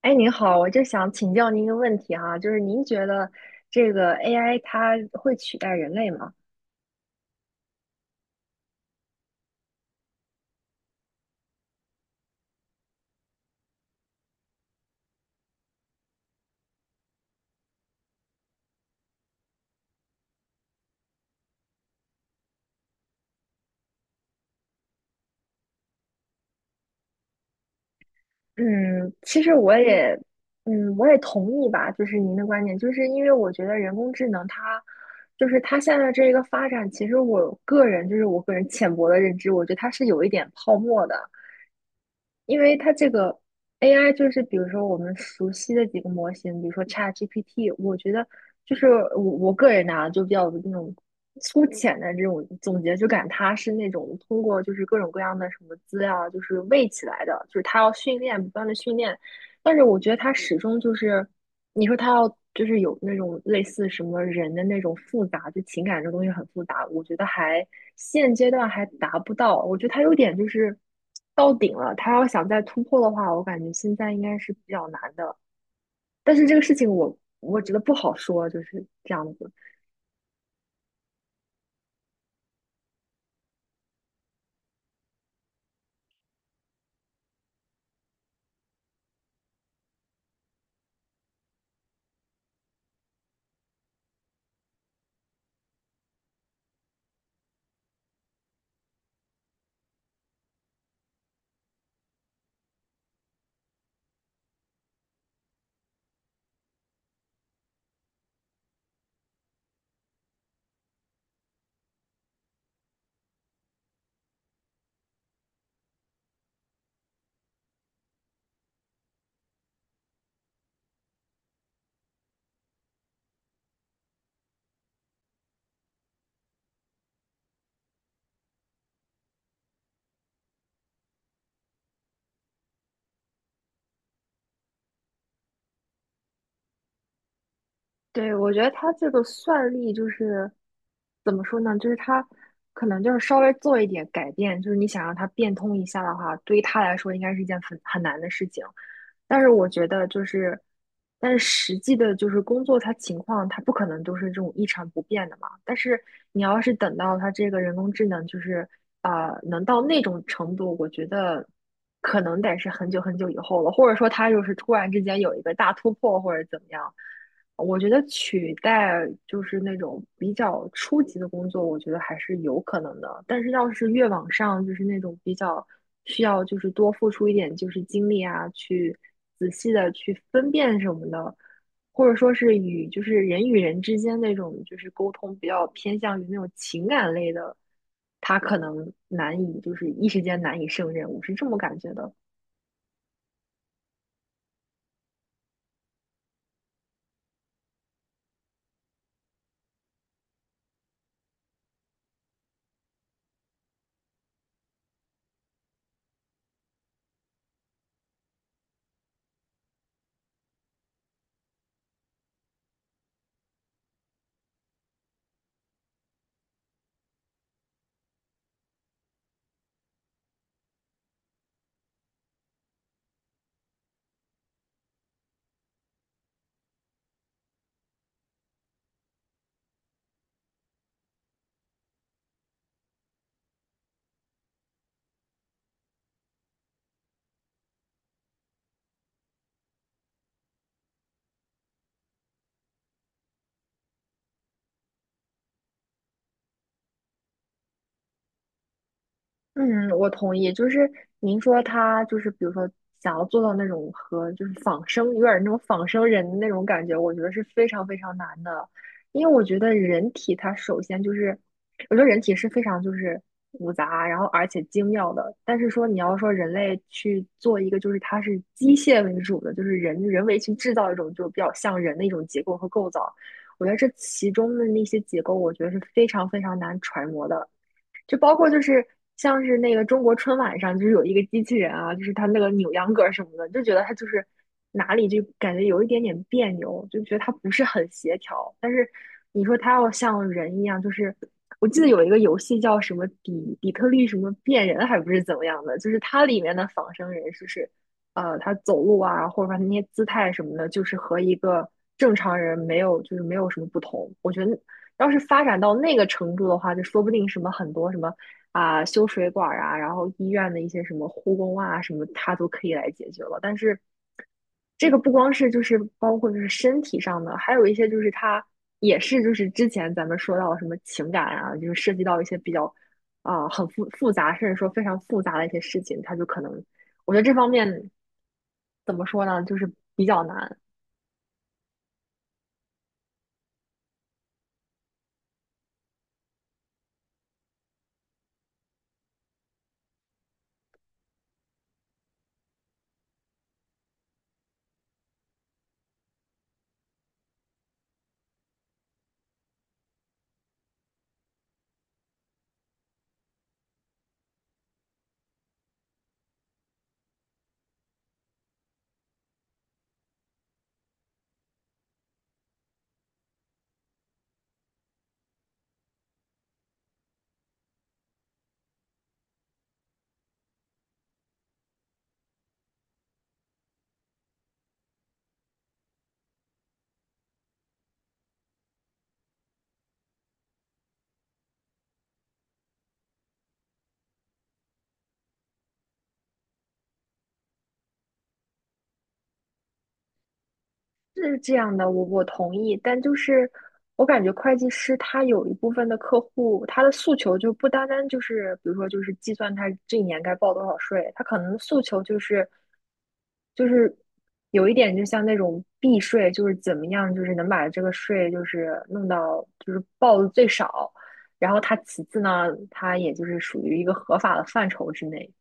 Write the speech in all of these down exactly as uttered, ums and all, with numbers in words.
哎，您好，我就想请教您一个问题哈，就是您觉得这个 A I 它会取代人类吗？嗯，其实我也，嗯，我也同意吧，就是您的观点。就是因为我觉得人工智能它，就是它现在这一个发展，其实我个人就是我个人浅薄的认知，我觉得它是有一点泡沫的。因为它这个 A I 就是比如说我们熟悉的几个模型，比如说 ChatGPT，我觉得就是我我个人呢、就比较有那种粗浅的这种总结，就感它是那种通过就是各种各样的什么资料就是喂起来的，就是它要训练不断的训练，但是我觉得它始终就是。你说他要就是有那种类似什么人的那种复杂，就情感这东西很复杂，我觉得还现阶段还达不到。我觉得他有点就是到顶了，他要想再突破的话，我感觉现在应该是比较难的。但是这个事情我我觉得不好说，就是这样子。对，我觉得他这个算力就是怎么说呢？就是他可能就是稍微做一点改变，就是你想让他变通一下的话，对于他来说应该是一件很很难的事情。但是我觉得就是，但是实际的就是工作他情况，他不可能都是这种一成不变的嘛。但是你要是等到他这个人工智能就是呃能到那种程度，我觉得可能得是很久很久以后了，或者说他就是突然之间有一个大突破或者怎么样。我觉得取代就是那种比较初级的工作，我觉得还是有可能的。但是要是越往上，就是那种比较需要就是多付出一点就是精力啊，去仔细的去分辨什么的，或者说是与就是人与人之间那种就是沟通比较偏向于那种情感类的，他可能难以就是一时间难以胜任，我是这么感觉的。嗯，我同意。就是您说他就是，比如说想要做到那种和就是仿生，有点儿那种仿生人的那种感觉，我觉得是非常非常难的。因为我觉得人体它首先就是，我觉得人体是非常就是复杂，然后而且精妙的。但是说你要说人类去做一个就是它是机械为主的，就是人人为去制造一种就比较像人的一种结构和构造，我觉得这其中的那些结构，我觉得是非常非常难揣摩的。就包括就是像是那个中国春晚上，就是有一个机器人啊，就是他那个扭秧歌儿什么的，就觉得他就是哪里就感觉有一点点别扭，就觉得他不是很协调。但是你说他要像人一样，就是我记得有一个游戏叫什么底底特律什么变人，还不是怎么样的，就是它里面的仿生人就是呃，他走路啊，或者说他那些姿态什么的，就是和一个正常人没有就是没有什么不同。我觉得要是发展到那个程度的话，就说不定什么很多什么啊、修水管儿啊，然后医院的一些什么护工啊什么，他都可以来解决了。但是这个不光是就是包括就是身体上的，还有一些就是他也是就是之前咱们说到的什么情感啊，就是涉及到一些比较啊、很复复杂，甚至说非常复杂的一些事情，他就可能我觉得这方面怎么说呢，就是比较难。是这样的，我我同意，但就是我感觉会计师他有一部分的客户，他的诉求就不单单就是，比如说就是计算他这一年该报多少税，他可能诉求就是就是有一点就像那种避税，就是怎么样，就是能把这个税就是弄到就是报的最少，然后他其次呢，他也就是属于一个合法的范畴之内。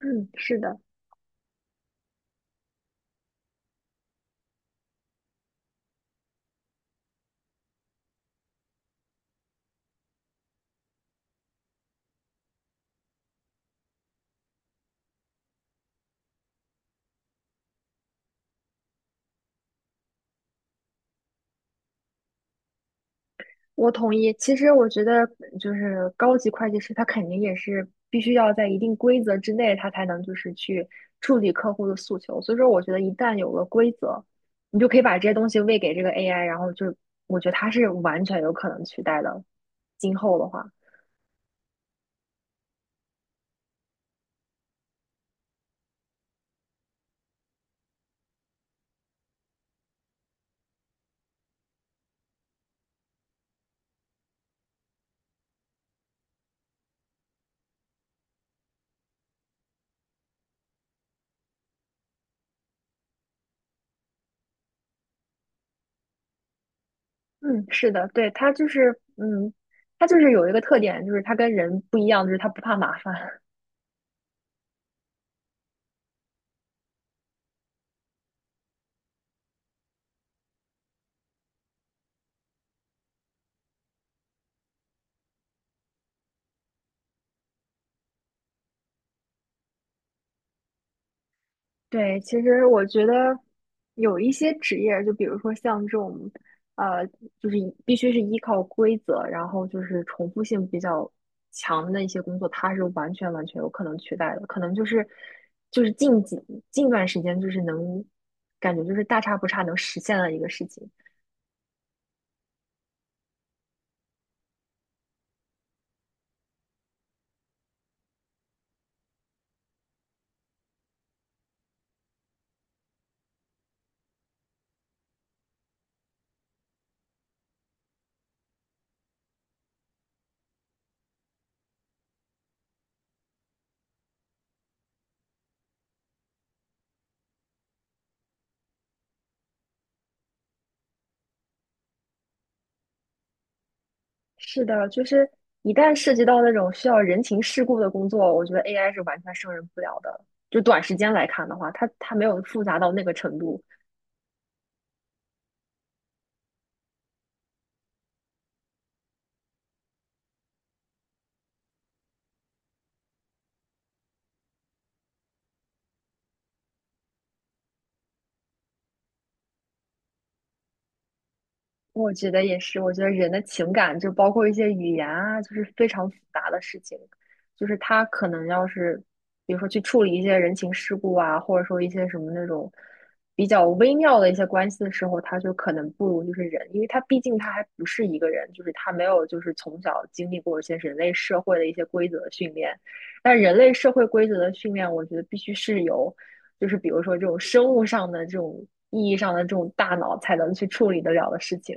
嗯，是的。我同意。其实我觉得，就是高级会计师，他肯定也是必须要在一定规则之内，他才能就是去处理客户的诉求。所以说，我觉得一旦有了规则，你就可以把这些东西喂给这个 A I,然后就我觉得它是完全有可能取代的。今后的话，嗯，是的，对，它就是，嗯，它就是有一个特点，就是它跟人不一样，就是它不怕麻烦。对，其实我觉得有一些职业，就比如说像这种，呃，就是依必须是依靠规则，然后就是重复性比较强的一些工作，它是完全完全有可能取代的。可能就是就是近几近段时间，就是能感觉就是大差不差能实现的一个事情。是的，就是一旦涉及到那种需要人情世故的工作，我觉得 A I 是完全胜任不了的。就短时间来看的话，它它没有复杂到那个程度。我觉得也是，我觉得人的情感就包括一些语言啊，就是非常复杂的事情，就是他可能要是，比如说去处理一些人情世故啊，或者说一些什么那种比较微妙的一些关系的时候，他就可能不如就是人，因为他毕竟他还不是一个人，就是他没有就是从小经历过一些人类社会的一些规则的训练，但人类社会规则的训练，我觉得必须是由。就是比如说这种生物上的这种意义上的这种大脑才能去处理得了的事情。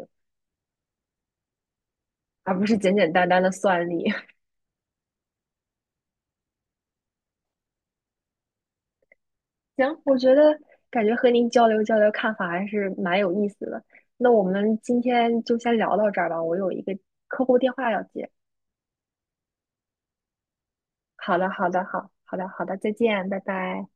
而不是简简单单的算力。行，我觉得感觉和您交流交流看法还是蛮有意思的。那我们今天就先聊到这儿吧，我有一个客户电话要接。好的，好的，好，好的，好的，再见，拜拜。